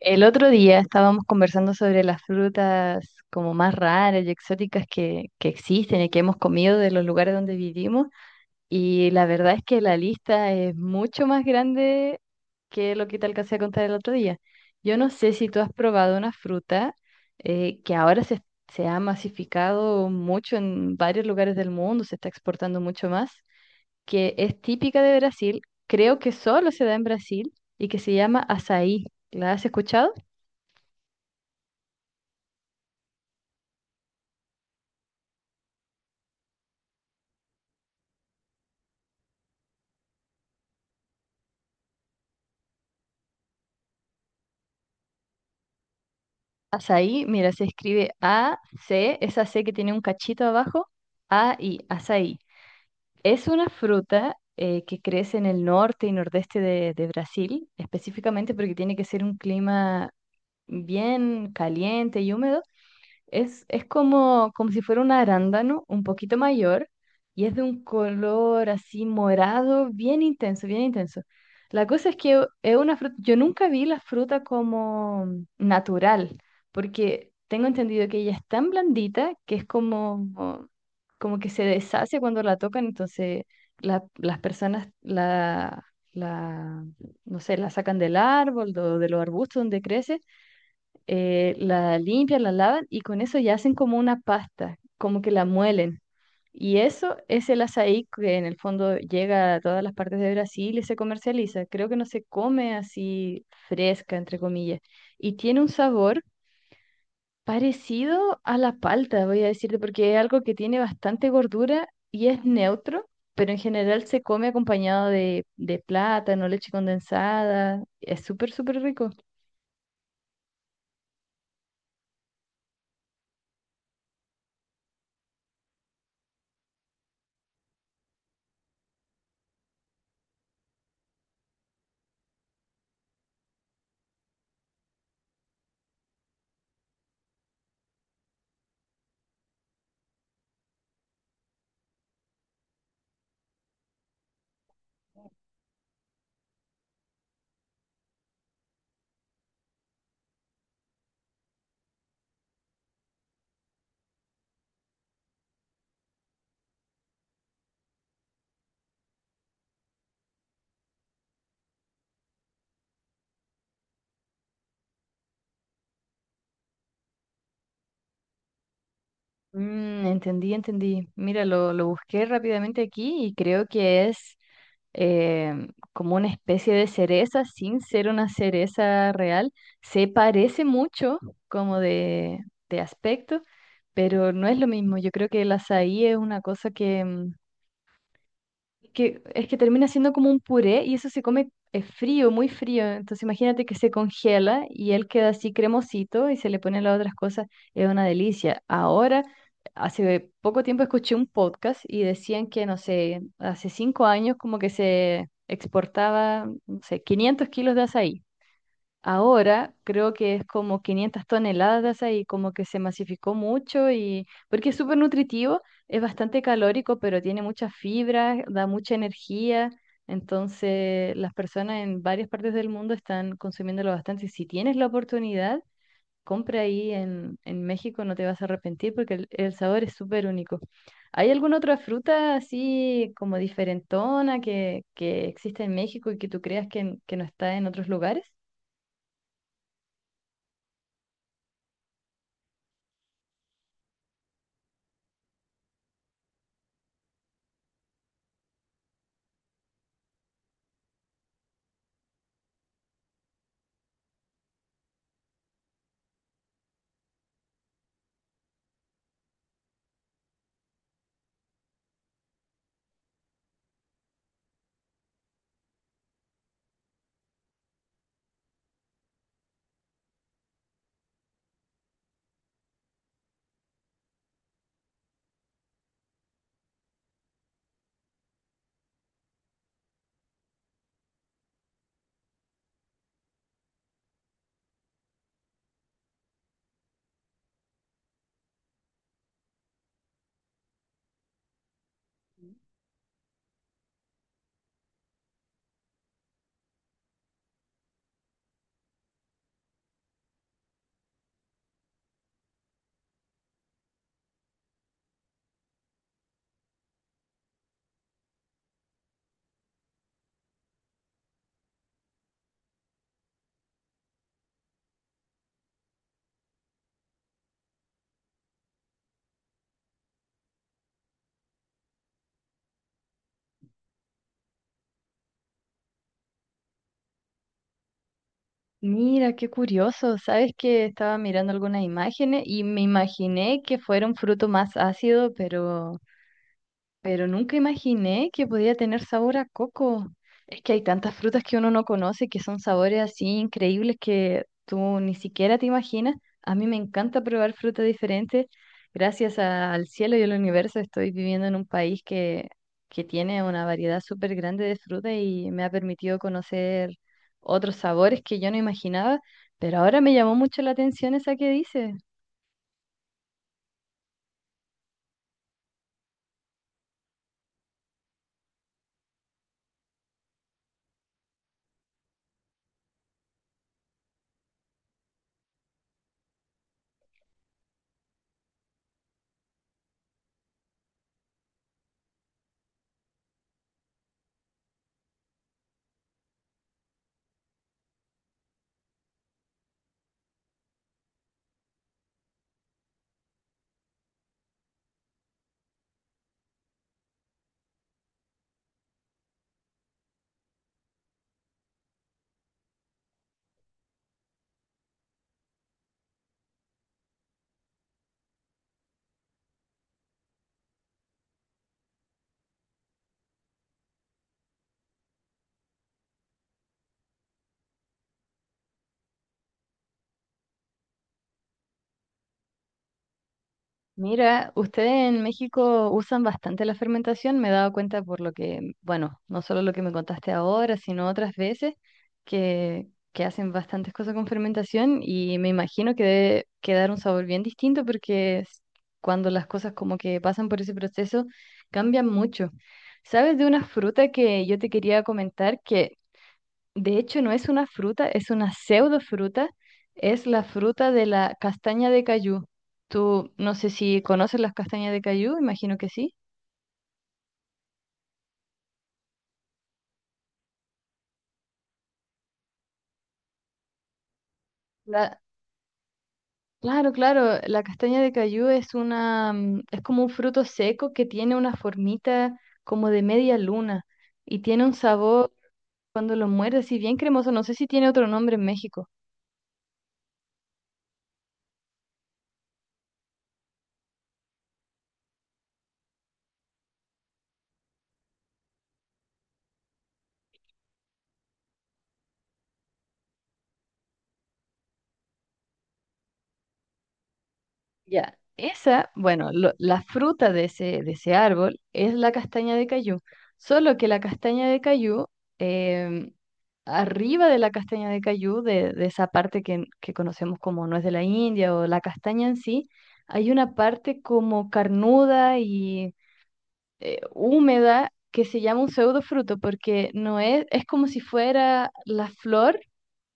El otro día estábamos conversando sobre las frutas como más raras y exóticas que existen y que hemos comido de los lugares donde vivimos y la verdad es que la lista es mucho más grande que lo que te alcancé a contar el otro día. Yo no sé si tú has probado una fruta que ahora se ha masificado mucho en varios lugares del mundo, se está exportando mucho más, que es típica de Brasil, creo que solo se da en Brasil y que se llama açaí. ¿La has escuchado? Azaí, mira, se escribe A-C, esa C que tiene un cachito abajo, A-I, azaí. Es una fruta que crece en el norte y nordeste de Brasil, específicamente porque tiene que ser un clima bien caliente y húmedo es como si fuera un arándano un poquito mayor y es de un color así morado, bien intenso, bien intenso. La cosa es que es una fruta, yo nunca vi la fruta como natural, porque tengo entendido que ella es tan blandita que es como que se deshace cuando la tocan, entonces las personas la, no sé, la sacan del árbol, de los arbustos donde crece la limpian, la lavan y con eso ya hacen como una pasta, como que la muelen. Y eso es el açaí que en el fondo llega a todas las partes de Brasil y se comercializa. Creo que no se come así fresca, entre comillas. Y tiene un sabor parecido a la palta, voy a decirte, porque es algo que tiene bastante gordura y es neutro, pero en general se come acompañado de plátano, leche condensada. Es súper, súper rico. Mm, entendí, entendí. Mira, lo busqué rápidamente aquí y creo que es em, como una especie de cereza sin ser una cereza real. Se parece mucho como de aspecto, pero no es lo mismo. Yo creo que el azaí es una cosa que, es que termina siendo como un puré y eso se come frío, muy frío. Entonces imagínate que se congela y él queda así cremosito y se le ponen las otras cosas. Es una delicia. Ahora, hace poco tiempo escuché un podcast y decían que, no sé, hace 5 años como que se exportaba, no sé, 500 kilos de azaí. Ahora creo que es como 500 toneladas ahí, como que se masificó mucho y porque es súper nutritivo, es bastante calórico, pero tiene mucha fibra, da mucha energía. Entonces, las personas en varias partes del mundo están consumiéndolo bastante. Si tienes la oportunidad, compra ahí en, México, no te vas a arrepentir porque el sabor es súper único. ¿Hay alguna otra fruta así como diferentona que existe en México y que tú creas que no está en otros lugares? Mira, qué curioso. Sabes que estaba mirando algunas imágenes y me imaginé que fuera un fruto más ácido, pero nunca imaginé que podía tener sabor a coco. Es que hay tantas frutas que uno no conoce que son sabores así increíbles que tú ni siquiera te imaginas. A mí me encanta probar frutas diferentes. Gracias al cielo y al universo estoy viviendo en un país que tiene una variedad súper grande de frutas y me ha permitido conocer otros sabores que yo no imaginaba. Pero ahora me llamó mucho la atención esa que dices. Mira, ustedes en México usan bastante la fermentación, me he dado cuenta por lo que, bueno, no solo lo que me contaste ahora, sino otras veces que hacen bastantes cosas con fermentación y me imagino que debe quedar un sabor bien distinto porque es cuando las cosas como que pasan por ese proceso cambian mucho. ¿Sabes de una fruta que yo te quería comentar que de hecho, no es una fruta, es una pseudofruta, es la fruta de la castaña de cayú? Tú no sé si conoces las castañas de cayú, imagino que sí. La- claro, claro, la castaña de cayú es una, es como un fruto seco que tiene una formita como de media luna y tiene un sabor cuando lo muerdes, y bien cremoso. No sé si tiene otro nombre en México. Ya, esa, bueno, la fruta de ese árbol es la castaña de cayú, solo que la castaña de cayú, em, arriba de la castaña de cayú, de esa parte que conocemos como nuez de la India o la castaña en sí, hay una parte como carnuda y húmeda que se llama un pseudofruto porque no es, es como si fuera la flor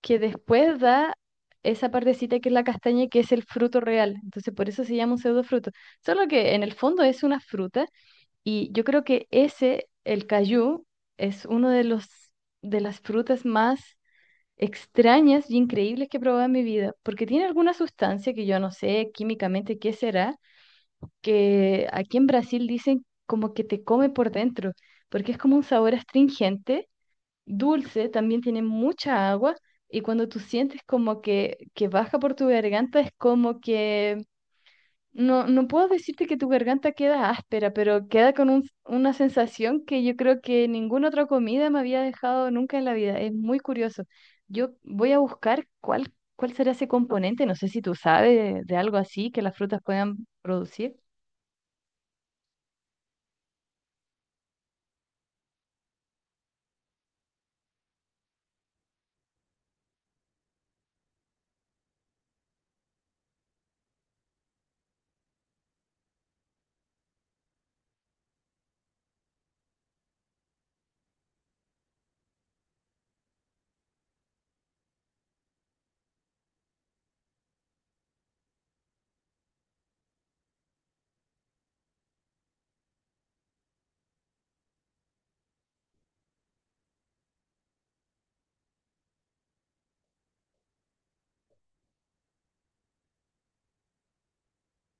que después da esa partecita que es la castaña, que es el fruto real. Entonces, por eso se llama un pseudofruto. Solo que en el fondo es una fruta y yo creo que ese, el cayú, es uno de los de las frutas más extrañas y increíbles que he probado en mi vida, porque tiene alguna sustancia que yo no sé químicamente qué será, que aquí en Brasil dicen como que te come por dentro, porque es como un sabor astringente dulce, también tiene mucha agua y cuando tú sientes como que baja por tu garganta es como que, no, no puedo decirte que tu garganta queda áspera, pero queda con una sensación que yo creo que ninguna otra comida me había dejado nunca en la vida. Es muy curioso. Yo voy a buscar cuál será ese componente, no sé si tú sabes de algo así que las frutas puedan producir.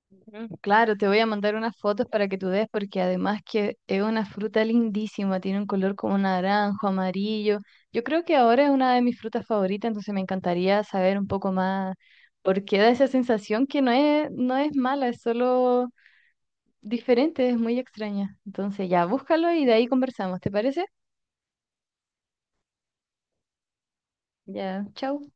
Mm, claro, te voy a mandar unas fotos para que tú des, porque además que es una fruta lindísima, tiene un color como naranjo, amarillo. Yo creo que ahora es una de mis frutas favoritas, entonces me encantaría saber un poco más por qué da esa sensación que no es, no es mala, es solo diferente, es muy extraña. Entonces ya, búscalo y de ahí conversamos, ¿te parece? Ya, chau.